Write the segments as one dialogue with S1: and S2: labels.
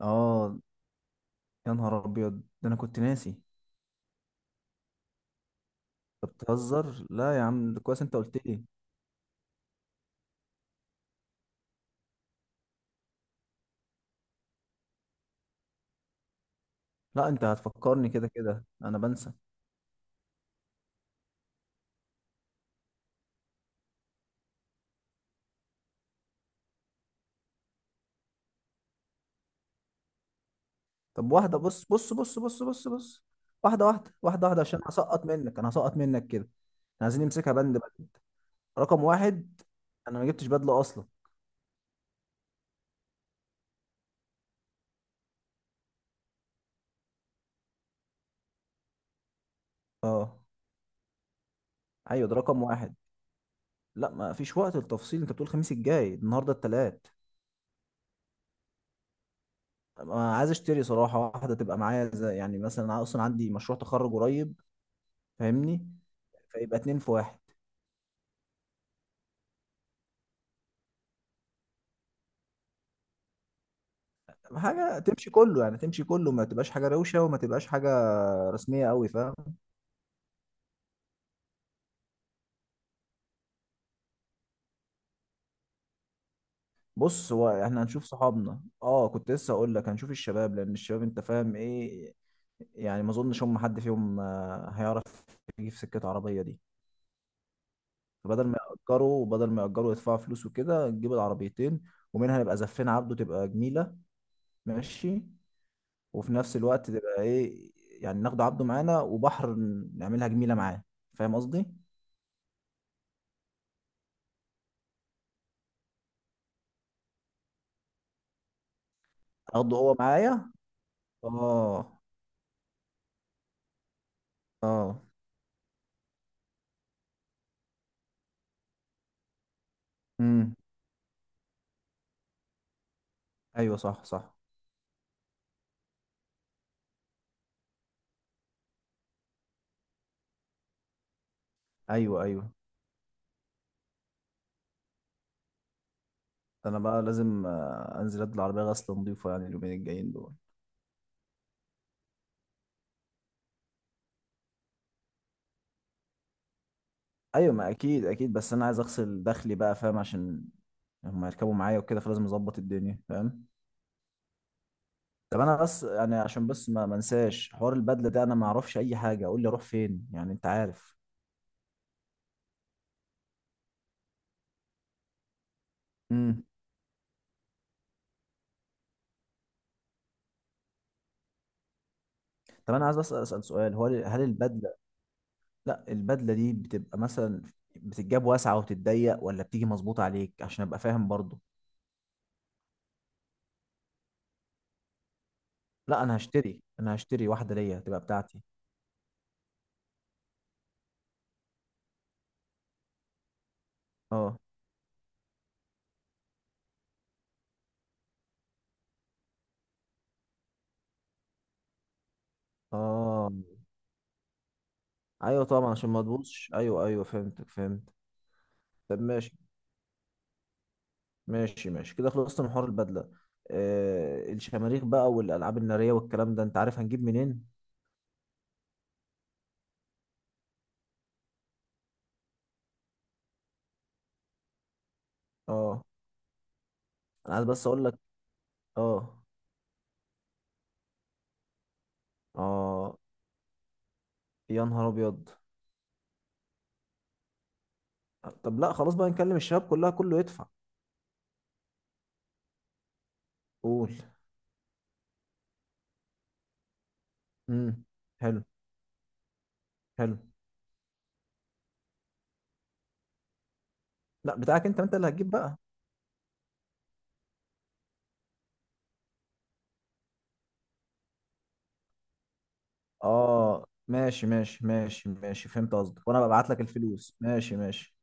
S1: اه. يا نهار ابيض ده، انا كنت ناسي. انت بتهزر؟ لا يا عم، ده كويس انت قلت لي. لا، انت هتفكرني، كده كده انا بنسى. طب واحده، بص بص بص بص بص بص، واحده واحده واحده واحده، عشان هسقط منك، انا هسقط منك كده. احنا عايزين نمسكها بند، بند رقم واحد. انا ما جبتش بدله اصلا. اه، ايوه ده رقم واحد. لا، ما فيش وقت للتفصيل، انت بتقول الخميس الجاي، النهارده التلات. أنا عايز اشتري صراحه واحده تبقى معايا، زي يعني مثلا أنا اصلا عندي مشروع تخرج قريب، فاهمني؟ فيبقى اتنين في واحد. حاجه تمشي كله، يعني تمشي كله، ما تبقاش حاجه روشه وما تبقاش حاجه رسميه قوي، فاهم؟ بص، هو احنا هنشوف صحابنا، اه كنت لسه اقول لك هنشوف الشباب، لان الشباب انت فاهم ايه يعني، ما اظنش هم حد فيهم هيعرف يجيب سكه عربيه دي. فبدل ما ياجروا بدل ما ياجروا يدفعوا فلوس وكده، نجيب العربيتين، ومنها نبقى زفين عبده، تبقى جميله، ماشي. وفي نفس الوقت تبقى ايه، يعني ناخد عبده معانا وبحر، نعملها جميله معاه، فاهم قصدي؟ اخده هو معايا. اه، اه. امم، ايوه صح صح. ايوه ايوه، انا بقى لازم انزل ادي العربيه غسل نظيفه، يعني اليومين الجايين دول. ايوه، ما اكيد اكيد، بس انا عايز اغسل دخلي بقى، فاهم؟ عشان هما يركبوا معايا وكده، فلازم اظبط الدنيا، فاهم؟ طب انا بس يعني، عشان بس ما منساش حوار البدله ده، انا ما اعرفش اي حاجه، قول لي اروح فين، يعني انت عارف. امم. طب انا عايز بس اسال سؤال، هو هل البدله، لا، البدله دي بتبقى مثلا بتتجاب واسعه وتتضيق، ولا بتيجي مظبوطه عليك، عشان ابقى فاهم برضو؟ لا، انا هشتري واحده ليا تبقى بتاعتي. اه، اه، ايوه طبعا عشان ما تبوظش، ايوه ايوه فهمتك، فهمت. طب ماشي، ماشي ماشي كده خلصت من حوار البدله. آه، الشماريخ بقى والالعاب الناريه والكلام ده، انت عارف هنجيب منين؟ اه، انا عايز بس اقول لك. اه، اه، يا نهار ابيض. طب لا، خلاص بقى نكلم الشباب كلها، كله يدفع. قول. امم. حلو، حلو. لا، بتاعك انت، ما انت اللي هتجيب بقى. اه، ماشي ماشي ماشي ماشي فهمت قصدك، وانا ببعت لك الفلوس. ماشي ماشي.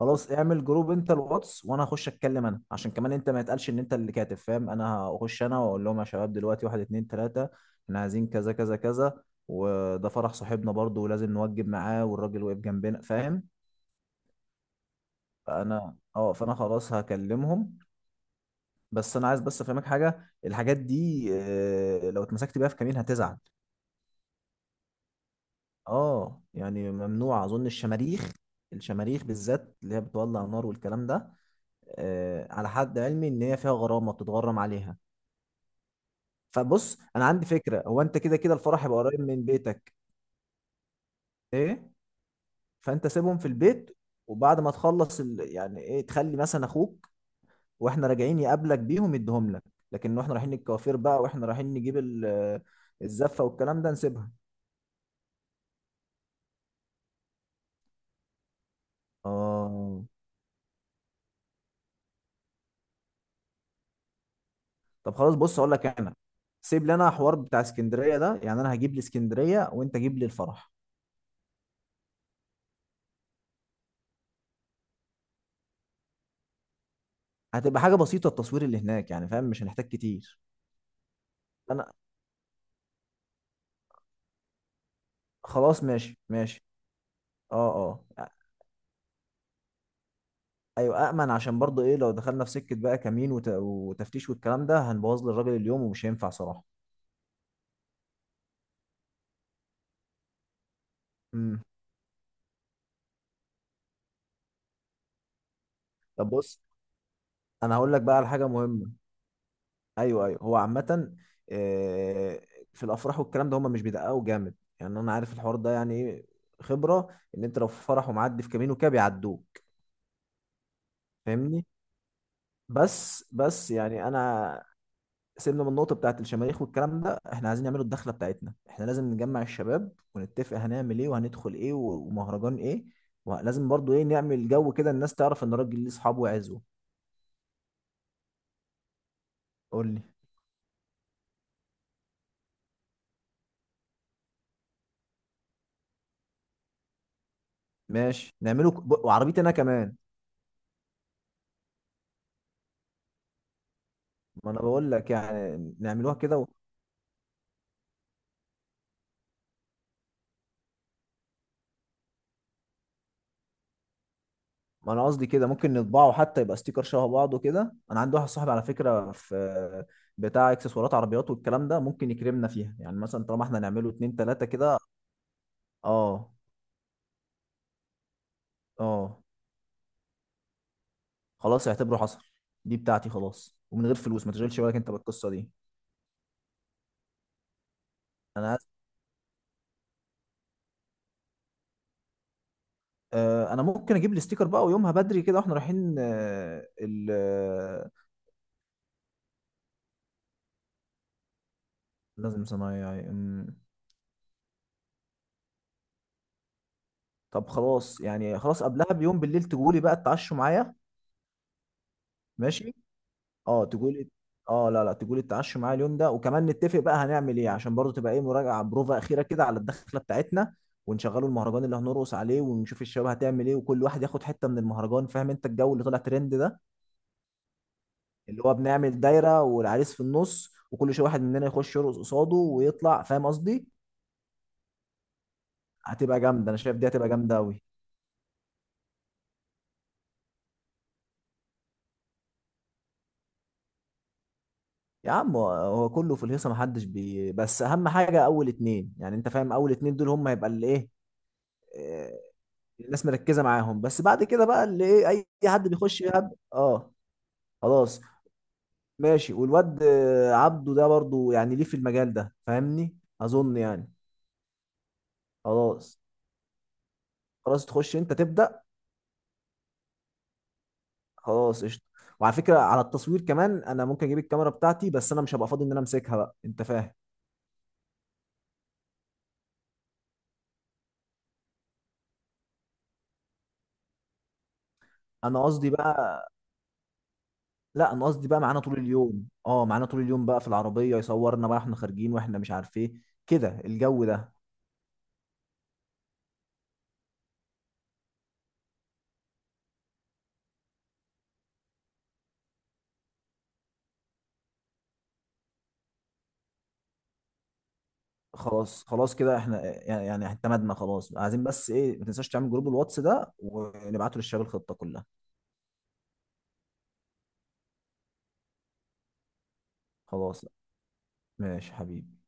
S1: خلاص، اعمل جروب انت الواتس، وانا هخش اتكلم انا عشان كمان انت ما يتقالش ان انت اللي كاتب، فاهم؟ انا هخش انا واقول لهم يا شباب، دلوقتي واحد اتنين تلاتة، احنا عايزين كذا كذا كذا، وده فرح صاحبنا برضه ولازم نوجب معاه، والراجل واقف جنبنا، فاهم؟ فانا خلاص هكلمهم. بس انا عايز بس افهمك حاجه، الحاجات دي لو اتمسكت بيها في كمين هتزعل. اه، يعني ممنوع اظن الشماريخ، الشماريخ بالذات اللي هي بتولع نار والكلام ده. آه، على حد علمي ان هي فيها غرامه بتتغرم عليها. فبص، انا عندي فكره، هو انت كده كده الفرح يبقى قريب من بيتك، ايه، فانت سيبهم في البيت. وبعد ما تخلص يعني ايه، تخلي مثلا اخوك واحنا راجعين يقابلك بيهم يديهم لك. لكن واحنا رايحين الكوافير بقى، واحنا رايحين نجيب الزفه والكلام ده نسيبها. اه. طب خلاص، بص اقول لك انا، سيب لنا حوار بتاع اسكندريه ده، يعني انا هجيب لي اسكندريه وانت جيب لي الفرح. هتبقى حاجه بسيطه التصوير اللي هناك يعني، فاهم؟ مش هنحتاج كتير. انا خلاص ماشي ماشي. اه، اه، ايوه، امن، عشان برضه ايه، لو دخلنا في سكه بقى كمين وتفتيش والكلام ده، هنبوظ للراجل اليوم ومش هينفع صراحه. امم. طب بص، انا هقول لك بقى على حاجه مهمه. ايوه ايوه، هو عامة آه، في الافراح والكلام ده هم مش بيدققوا جامد، يعني انا عارف الحوار ده يعني ايه، خبرة. ان انت لو في فرح ومعدي في كمين وكده، بيعدوك. فاهمني؟ بس بس يعني انا، سيبنا من النقطة بتاعت الشماريخ والكلام ده، احنا عايزين نعمله الدخلة بتاعتنا، احنا لازم نجمع الشباب ونتفق هنعمل ايه وهندخل ايه ومهرجان ايه. ولازم برضو ايه، نعمل جو كده الناس تعرف ان الراجل ليه اصحاب وعزوة. قول لي. ماشي نعمله وعربيتي انا كمان. ما انا بقول لك يعني نعملوها كده. ما انا قصدي كده، ممكن نطبعه حتى يبقى ستيكر شبه بعضه كده، انا عندي واحد صاحبي على فكره في بتاع اكسسوارات عربيات والكلام ده، ممكن يكرمنا فيها، يعني مثلا طالما احنا نعمله اتنين تلاته كده. اه، اه. خلاص اعتبره حصل. دي بتاعتي خلاص، ومن غير فلوس، ما تشغلش بالك انت بالقصه دي. انا عايز- آه، انا ممكن اجيب الاستيكر بقى، ويومها بدري كده واحنا رايحين آه ال آه، لازم صنايعي. أمم. طب خلاص، يعني خلاص قبلها بيوم بالليل تقولي بقى اتعشوا معايا. ماشي. اه تقولي. اه، لا لا، تقولي اتعشوا معايا اليوم ده، وكمان نتفق بقى هنعمل ايه، عشان برضه تبقى ايه، مراجعه بروفا اخيره كده على الدخله بتاعتنا، ونشغلوا المهرجان اللي هنرقص عليه، ونشوف الشباب هتعمل ايه، وكل واحد ياخد حته من المهرجان، فاهم انت الجو اللي طلع ترند ده، اللي هو بنعمل دايره والعريس في النص، وكل شويه واحد مننا يخش يرقص قصاده ويطلع، فاهم قصدي؟ هتبقى جامده، انا شايف دي هتبقى جامده قوي. يا عم، هو كله في الهيصه، محدش بس اهم حاجه اول اتنين يعني، انت فاهم؟ اول اتنين دول هم هيبقى اللي ايه، آه، الناس مركزه معاهم، بس بعد كده بقى اللي ايه، اي حد بيخش يهب. اه. خلاص ماشي، والواد عبده ده برضو يعني ليه في المجال ده، فاهمني؟ اظن يعني. خلاص خلاص، تخش انت تبدا. خلاص قشطه. وعلى فكره، على التصوير كمان، انا ممكن اجيب الكاميرا بتاعتي، بس انا مش هبقى فاضي ان انا امسكها بقى، انت فاهم؟ انا قصدي بقى، لا، انا قصدي بقى معانا طول اليوم، اه معانا طول اليوم بقى، في العربيه يصورنا بقى احنا خارجين واحنا مش عارف ايه، كده الجو ده. خلاص خلاص كده، احنا يعني اعتمدنا خلاص، عايزين بس ايه، ما تنساش تعمل جروب الواتس ده ونبعته للشباب الخطة كلها. خلاص ماشي حبيبي.